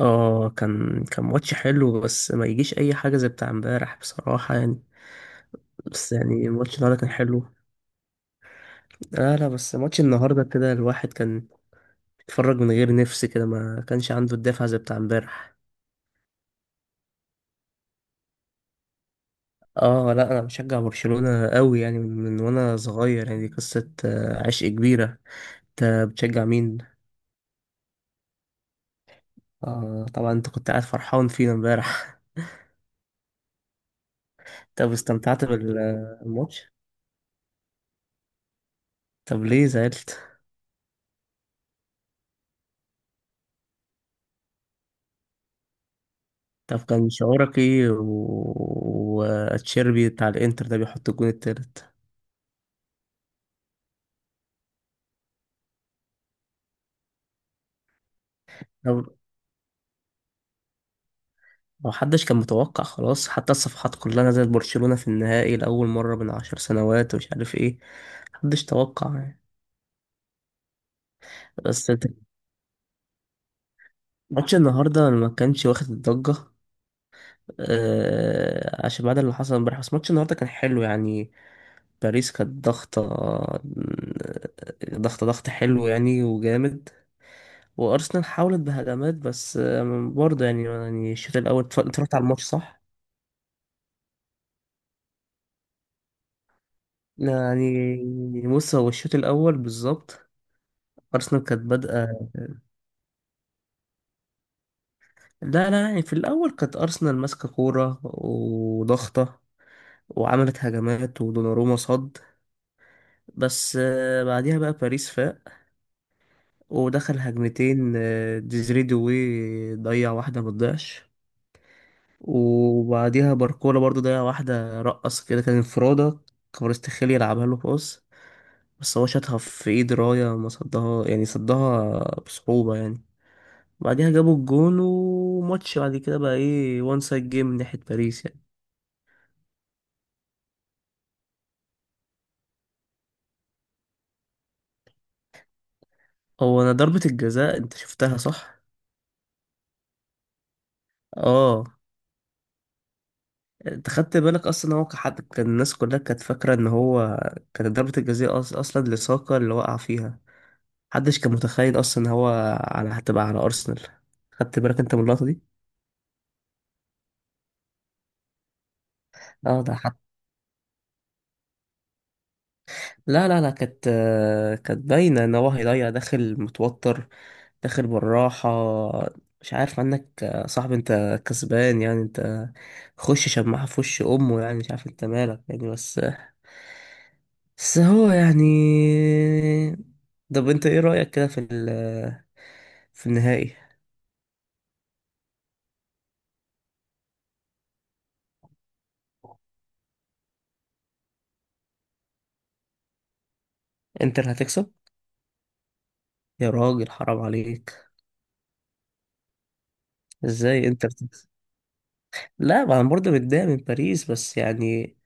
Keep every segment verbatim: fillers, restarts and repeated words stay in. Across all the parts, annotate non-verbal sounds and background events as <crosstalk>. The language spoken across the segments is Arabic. اه كان كان ماتش حلو بس ما يجيش اي حاجه زي بتاع امبارح بصراحه يعني. بس يعني ماتش النهارده كان حلو. لا لا بس ماتش النهارده كده الواحد كان بيتفرج من غير نفس كده ما كانش عنده الدافع زي بتاع امبارح. اه لا انا بشجع برشلونه قوي يعني من من وانا صغير يعني دي قصه آه، عشق كبيره. انت بتشجع مين؟ اه طبعا انت كنت قاعد فرحان فينا امبارح. <laughs> طب استمتعت بالماتش؟ طب ليه زعلت؟ طب كان شعورك ايه و- وتشيربي بتاع الانتر ده بيحط الجون التالت؟ طب محدش كان متوقع خلاص، حتى الصفحات كلها نزلت برشلونة في النهائي لأول مرة من عشر سنوات ومش عارف ايه. محدش توقع يعني. بس ت- ماتش النهاردة ما كانش واخد الضجة آه عشان بعد اللي حصل امبارح، بس ماتش النهاردة كان حلو يعني. باريس كانت ضغطة، ضغطة ضغط حلو يعني وجامد. وارسنال حاولت بهجمات بس آه، برضه يعني، يعني الشوط الاول اتف- اتفرجت على الماتش صح؟ يعني بص هو الشوط الاول بالظبط ارسنال كانت بادئه. لا لا يعني في الاول كانت ارسنال ماسكه كوره وضغطه وعملت هجمات ودوناروما صد. بس آه، بعديها بقى باريس فاق ودخل هجمتين. آه، ديزري دوي ضيع واحده ما تضيعش. وبعديها باركولا برضو ضيع واحده، رقص كده كان انفرادة، كفاراتسخيليا لعبها له باص بس هو شاطها في ايد رايا ما صدها يعني صدها بصعوبة يعني. بعدها جابوا الجون وماتش بعد كده بقى ايه، وان سايد جيم من ناحية باريس يعني. هو انا ضربة الجزاء انت شفتها صح؟ اه انت خدت بالك اصلا، هو كحد كان الناس كلها كانت فاكرة ان هو كانت ضربة الجزاء أص- اصلا لساكا اللي وقع فيها. محدش كان متخيل اصلا ان هو على هتبقى على ارسنال. خدت بالك انت من اللقطة دي؟ اه ده لا لا لا كانت، كانت باينة ان هو هيضيع، داخل متوتر، داخل بالراحة. مش عارف عنك يا صاحبي، انت كسبان يعني، انت خش شماعة في وش امه يعني مش عارف انت مالك يعني، بس بس هو يعني. طب انت ايه رأيك كده في ال- في النهائي؟ انتر هتكسب؟ يا راجل حرام عليك. ازاي انتر تكسب؟ لا ما انا برضه متضايق من باريس بس يعني،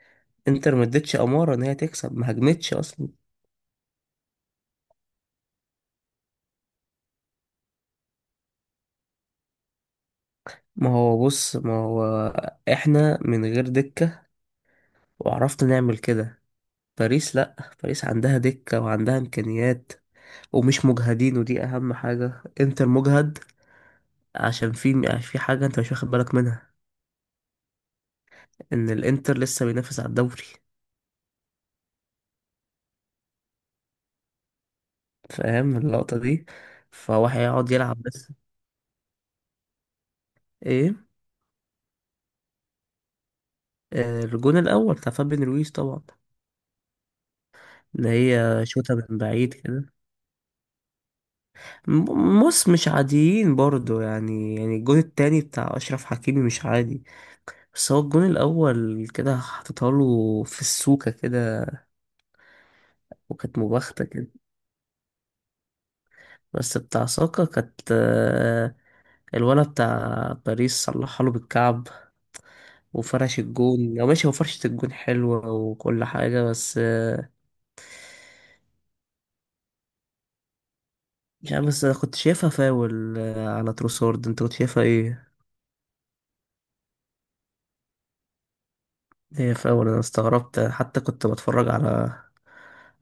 انتر ما ادتش اماره ان هي تكسب، ما هجمتش اصلا. ما هو بص، ما هو احنا من غير دكة وعرفنا نعمل كده، باريس لأ. باريس عندها دكة وعندها إمكانيات ومش مجهدين، ودي أهم حاجة، انتر مجهد. عشان في، في حاجة انت مش واخد بالك منها، ان الانتر لسه بينافس على الدوري. فاهم اللقطة دي؟ فهو هيقعد يلعب بس. ايه؟ آه، الجون الأول بتاع فابين رويز طبعا، اللي هي شوطة من بعيد كده. م- بص مش عاديين برضو يعني، يعني الجون التاني بتاع أشرف حكيمي مش عادي. بس هو الجون الأول كده حطيتها له في السوكة كده وكانت مباختة كده. بس بتاع ساكا كانت، آه، الولا بتاع باريس صلحها له بالكعب وفرش الجون، أو ماشي هو فرشة الجون حلوة وكل حاجة بس آه، مش عارف. بس أنا كنت شايفها فاول، آه، على تروسورد. أنت كنت شايفها إيه؟ هي فاول أنا استغربت، حتى كنت بتفرج على،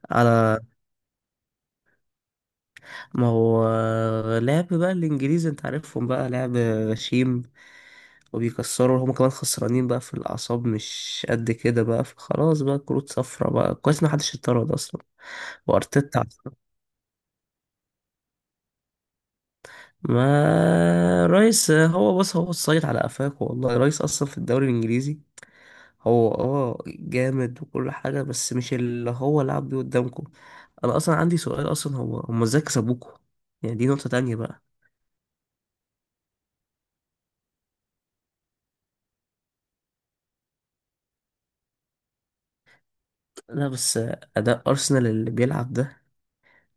على ما هو لعب بقى الانجليز انت عارفهم بقى لعب غشيم وبيكسروا هما كمان، خسرانين بقى في الاعصاب مش قد كده بقى، فخلاص بقى كروت صفرة بقى كويس ما حدش اتطرد اصلا. وارتيتا عصب. ما رئيس هو بص، هو الصيد على قفاك والله، رئيس اصلا في الدوري الانجليزي هو اه جامد وكل حاجة بس مش اللي هو لعب بيه قدامكم. انا اصلا عندي سؤال اصلا، هو هما ازاي كسبوكوا؟ يعني دي نقطة تانية بقى. لا بس أداء أرسنال اللي بيلعب ده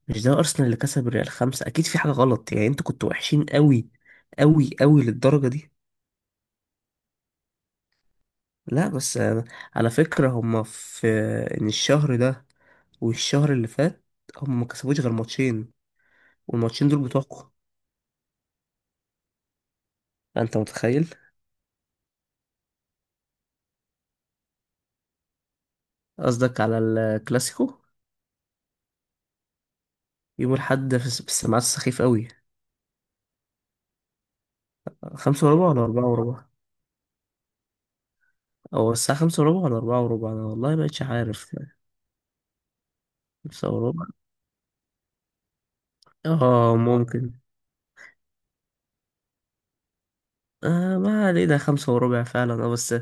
مش ده ارسنال اللي كسب ريال خمسة، اكيد في حاجة غلط يعني، انتوا كنتوا وحشين قوي، قوي قوي للدرجة دي. لا بس آه، على فكرة هما في، ان الشهر ده والشهر اللي فات هما ما كسبوش غير ماتشين، والماتشين دول بتوعكم. انت متخيل؟ قصدك على الكلاسيكو. يوم الحد في الس- في السماعات السخيف قوي. خمسة وربع ولا أربعة وربع؟ أو الساعة خمسة وربع ولا أربعة وربع؟ أنا والله مبقتش عارف. خمسة وربع، اه ممكن. آه ما علينا، خمسة وربع فعلا اه. بس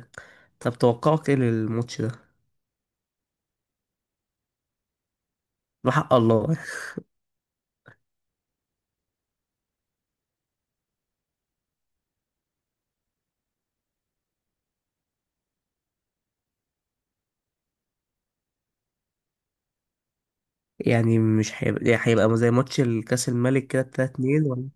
طب توقعك ايه للماتش ده، بحق الله؟ <laughs> يعني مش هيبقى، يعني هيبقى زي ماتش الكاس الملك كده بتاع اتنين، ولا؟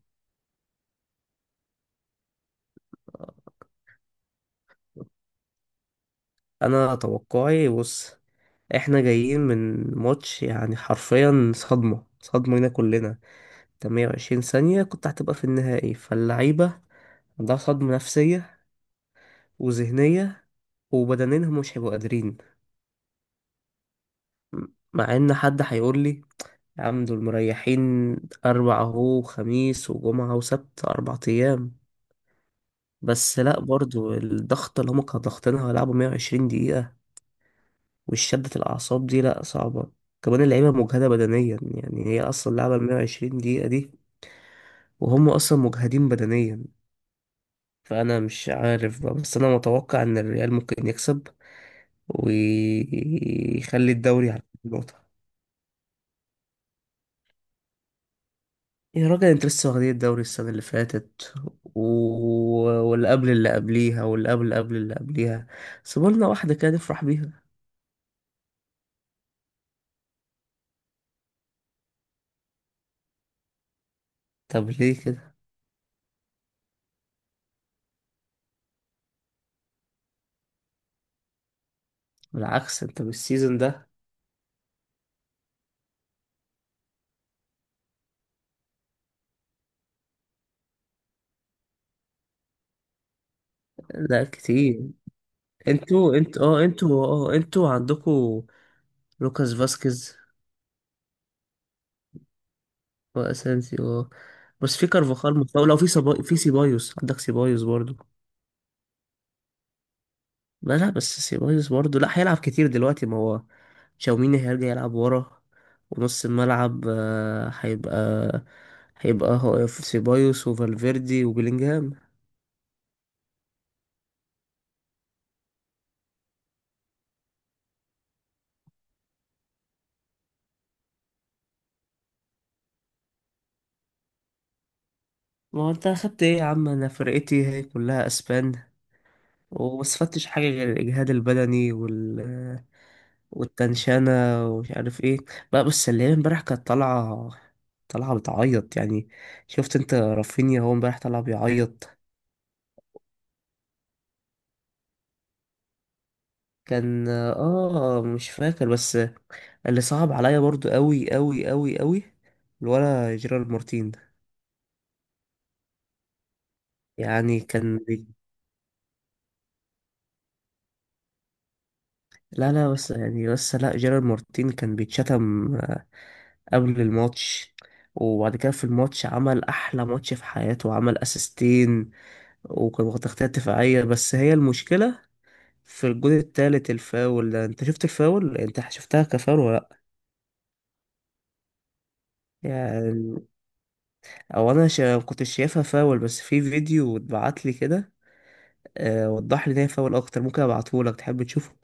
انا توقعي بص، احنا جايين من ماتش يعني حرفيا صدمة، صدمة لينا كلنا. انت مية وعشرين ثانية كنت هتبقى في النهائي، فاللعيبة عندها صدمة نفسية وذهنية. وبدنيا هم مش هيبقوا قادرين. مع ان حد هيقول لي يا عم دول مريحين، أربع أهو، خميس وجمعة وسبت، أربع أيام. بس لأ برضو الضغط اللي هما كانوا ضاغطينها هيلعبوا مية وعشرين دقيقة والشدة الأعصاب دي لأ صعبة. كمان اللعيبة مجهدة بدنيا، يعني هي أصلا لعبة ال مية وعشرين دقيقة دي، وهم أصلا مجهدين بدنيا. فأنا مش عارف بقى، بس أنا متوقع إن الريال ممكن يكسب ويخلي الدوري على نقطة. يا راجل انت لسه واخدين الدوري السنة اللي فاتت و... واللي قبل اللي قبليها، واللي قبل قبل اللي قبليها. سيبولنا واحدة كده نفرح بيها. طب ليه كده؟ بالعكس انت بالسيزون ده. لا كتير. انتوا، انت اه انتوا اه انتوا عندكوا لوكاس فاسكيز واسانسيو اه. بس في كارفاخال مصاب، لو في سبا... في سيبايوس، عندك سيبايوس برضو. لا لا بس سيبايوس برضه لا هيلعب كتير دلوقتي، ما هو تشاوميني هيرجع يلعب ورا، ونص الملعب آه، هيبقى هيبقى هو في سيبايوس وفالفيردي وبيلينجهام. ما هو انت اخدت ايه يا عم، انا فرقتي هي كلها اسبان وما استفدتش حاجه غير الاجهاد البدني وال، والتنشانه ومش عارف ايه بقى. بس اللي هي امبارح كانت طالعه، طالعه بتعيط يعني. شفت انت رافينيا هو امبارح طالع بيعيط؟ كان اه مش فاكر بس. اللي صعب عليا برضو قوي قوي قوي قوي الولا جيرارد مارتين ده، يعني كان بي... لا لا بس يعني بس لا جيرارد مارتين كان بيتشتم قبل الماتش، وبعد كده في الماتش عمل احلى ماتش في حياته وعمل اسيستين وكان واخد تغطية دفاعية. بس هي المشكلة في الجون التالت الفاول ده، انت شفت الفاول، انت شفتها كفاول ولا لا؟ يعني او انا شا... كنت شايفها فاول، بس في فيديو اتبعت لي كده آه، وضح لي ده يفول اكتر. ممكن ابعتهولك، تحب تشوفه؟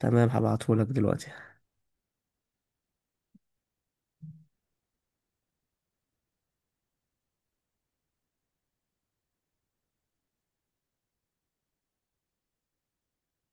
تمام هبعتهولك دلوقتي.